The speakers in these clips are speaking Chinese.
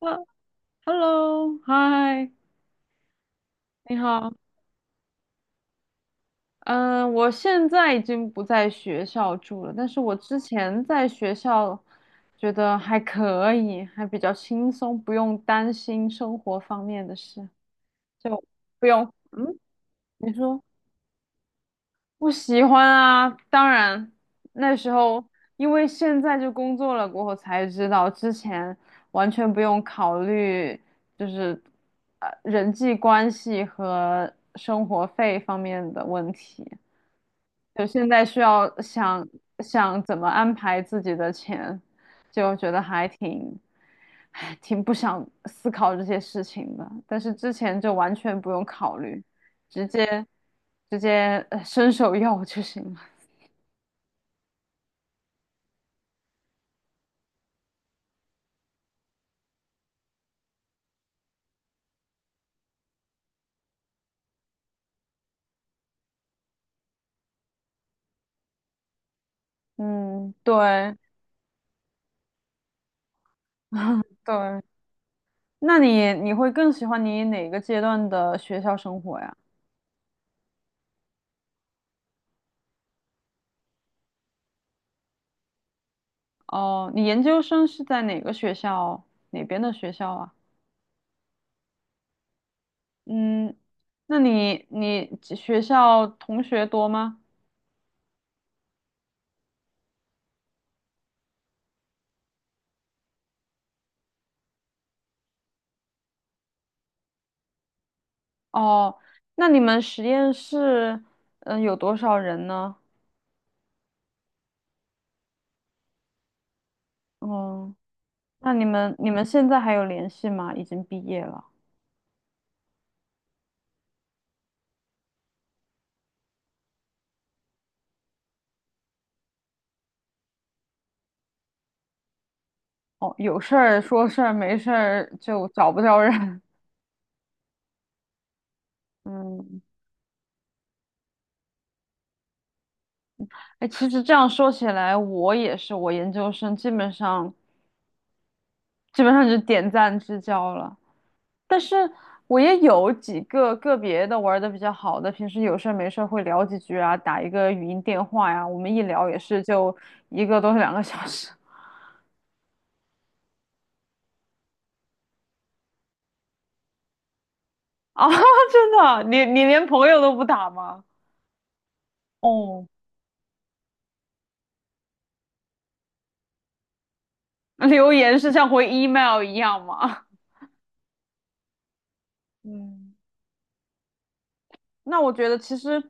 呃，Hello，嗨，你好。嗯，我现在已经不在学校住了，但是我之前在学校觉得还可以，还比较轻松，不用担心生活方面的事，就不用。嗯，你说。不喜欢啊，当然那时候因为现在就工作了过后才知道，之前完全不用考虑就是人际关系和生活费方面的问题。就现在需要想想怎么安排自己的钱，就觉得还挺，唉，挺不想思考这些事情的。但是之前就完全不用考虑，直接直接伸手要就行了。嗯，对对。那你会更喜欢你哪个阶段的学校生活呀？哦，你研究生是在哪个学校，哪边的学校啊？嗯，那你学校同学多吗？哦，那你们实验室，嗯、有多少人呢？嗯，那你们现在还有联系吗？已经毕业了。哦，有事儿说事儿，没事儿就找不着人。嗯，哎，其实这样说起来，我也是，我研究生基本上就点赞之交了。但是我也有几个个别的玩的比较好的，平时有事儿没事儿会聊几句啊，打一个语音电话呀，我们一聊也是就一个多两个小时。啊，真的啊，你连朋友都不打吗？哦，留言是像回 email 一样吗？嗯。那我觉得其实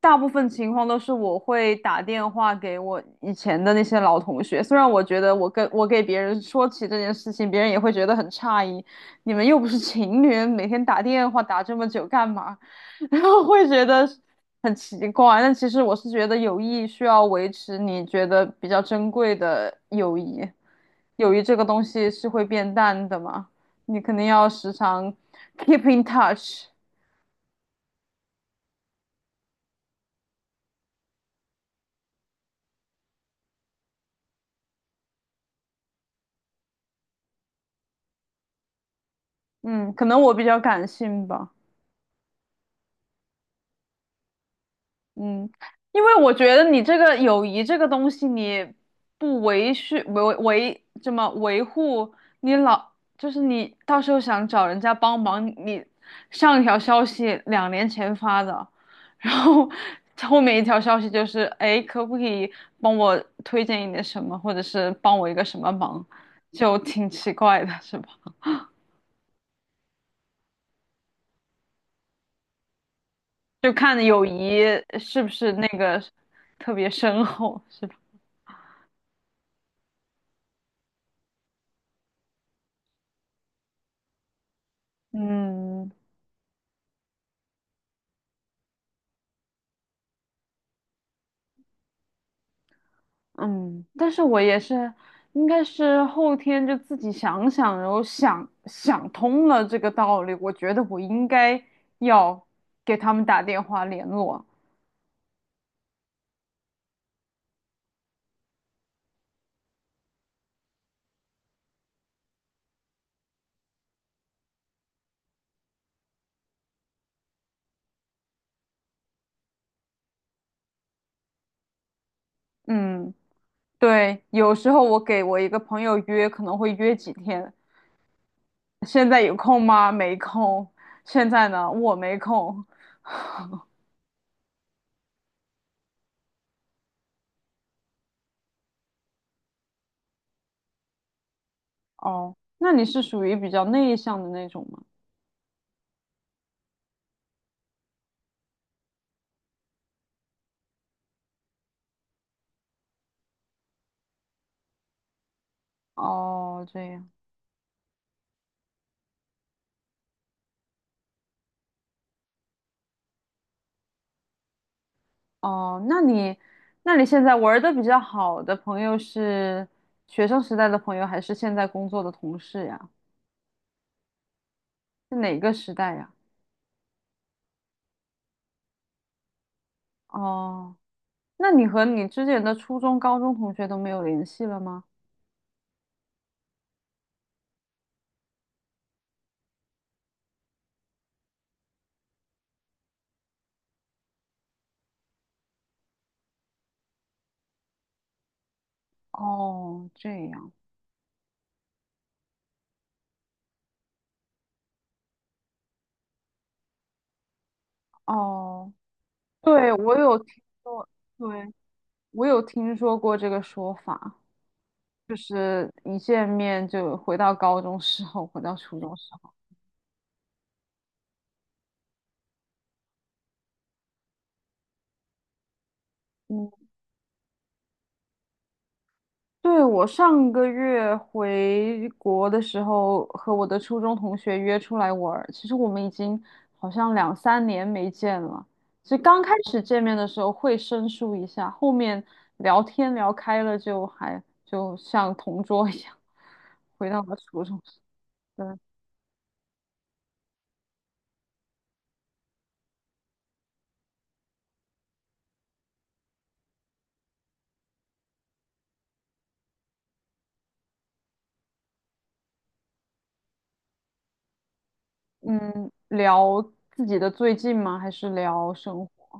大部分情况都是我会打电话给我以前的那些老同学，虽然我觉得我给别人说起这件事情，别人也会觉得很诧异，你们又不是情侣，每天打电话打这么久干嘛？然后会觉得很奇怪。但其实我是觉得友谊需要维持，你觉得比较珍贵的友谊，友谊这个东西是会变淡的嘛，你肯定要时常 keep in touch。嗯，可能我比较感性吧，嗯，因为我觉得你这个友谊这个东西，你不维续维维怎么维护，你老就是你到时候想找人家帮忙，你上一条消息两年前发的，然后后面一条消息就是，哎，可不可以帮我推荐一点什么，或者是帮我一个什么忙，就挺奇怪的，是吧？就看友谊是不是那个特别深厚，是吧？嗯嗯，但是我也是，应该是后天就自己想想，然后想想通了这个道理，我觉得我应该要给他们打电话联络。嗯，对，有时候我给我一个朋友约，可能会约几天，现在有空吗？没空。现在呢，我没空。哦，那你是属于比较内向的那种吗？哦，这样。哦，那你，那你现在玩的比较好的朋友是学生时代的朋友，还是现在工作的同事呀？是哪个时代呀？哦，那你和你之前的初中、高中同学都没有联系了吗？哦，这样。哦，对，我有听说，对，我有听说过这个说法，就是一见面就回到高中时候，回到初中时候。嗯。对，我上个月回国的时候，和我的初中同学约出来玩儿。其实我们已经好像两三年没见了。其实刚开始见面的时候会生疏一下，后面聊天聊开了就还就像同桌一样，回到了初中。对，嗯，聊自己的最近吗？还是聊生活？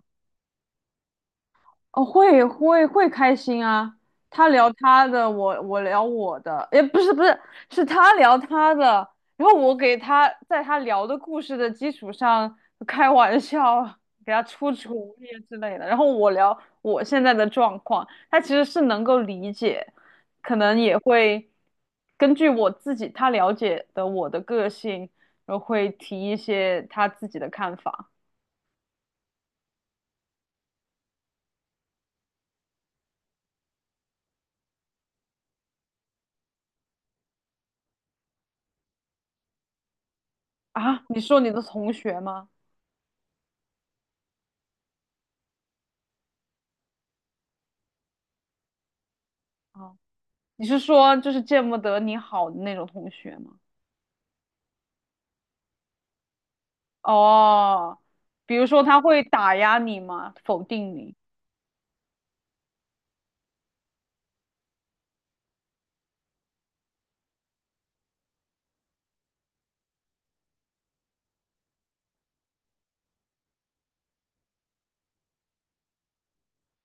哦，会会会开心啊！他聊他的，我聊我的，也不是不是，是他聊他的，然后我给他在他聊的故事的基础上开玩笑，给他出主意之类的，然后我聊我现在的状况，他其实是能够理解，可能也会根据我自己他了解的我的个性，然后会提一些他自己的看法啊。你说你的同学吗？啊。你是说就是见不得你好的那种同学吗？哦，比如说他会打压你吗？否定你？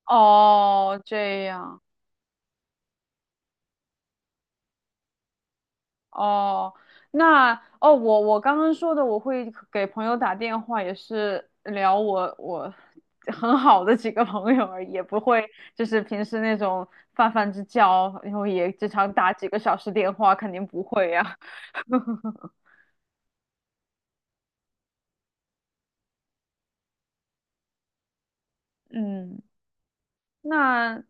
哦，这样。哦，那哦，我我刚刚说的，我会给朋友打电话，也是聊我很好的几个朋友而已，也不会就是平时那种泛泛之交，然后也经常打几个小时电话，肯定不会呀、嗯，那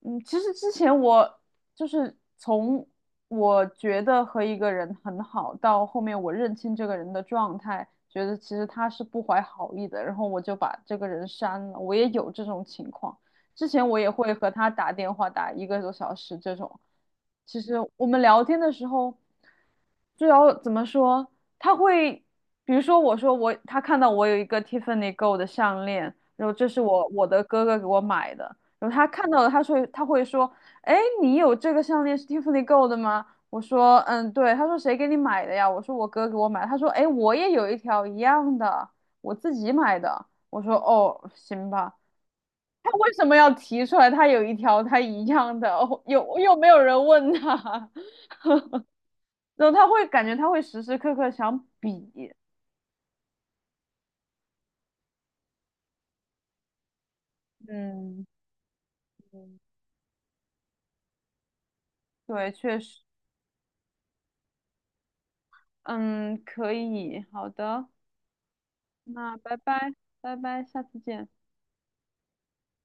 嗯，其实之前我就是从我觉得和一个人很好，到后面我认清这个人的状态，觉得其实他是不怀好意的，然后我就把这个人删了。我也有这种情况，之前我也会和他打电话打一个多小时这种。其实我们聊天的时候，就要怎么说？他会，比如说我说我，他看到我有一个 Tiffany Go 的项链，然后这是我的哥哥给我买的。然后他看到了，他会说，哎，你有这个项链是 Tiffany Gold 的吗？我说，嗯，对。他说谁给你买的呀？我说我哥给我买的他说，哎，我也有一条一样的，我自己买的。我说，哦，行吧。他为什么要提出来他有一条他一样的？哦有又没有人问他，然后他会感觉他会时时刻刻想比。嗯嗯对，确实，嗯，可以，好的，那拜拜，拜拜，下次见。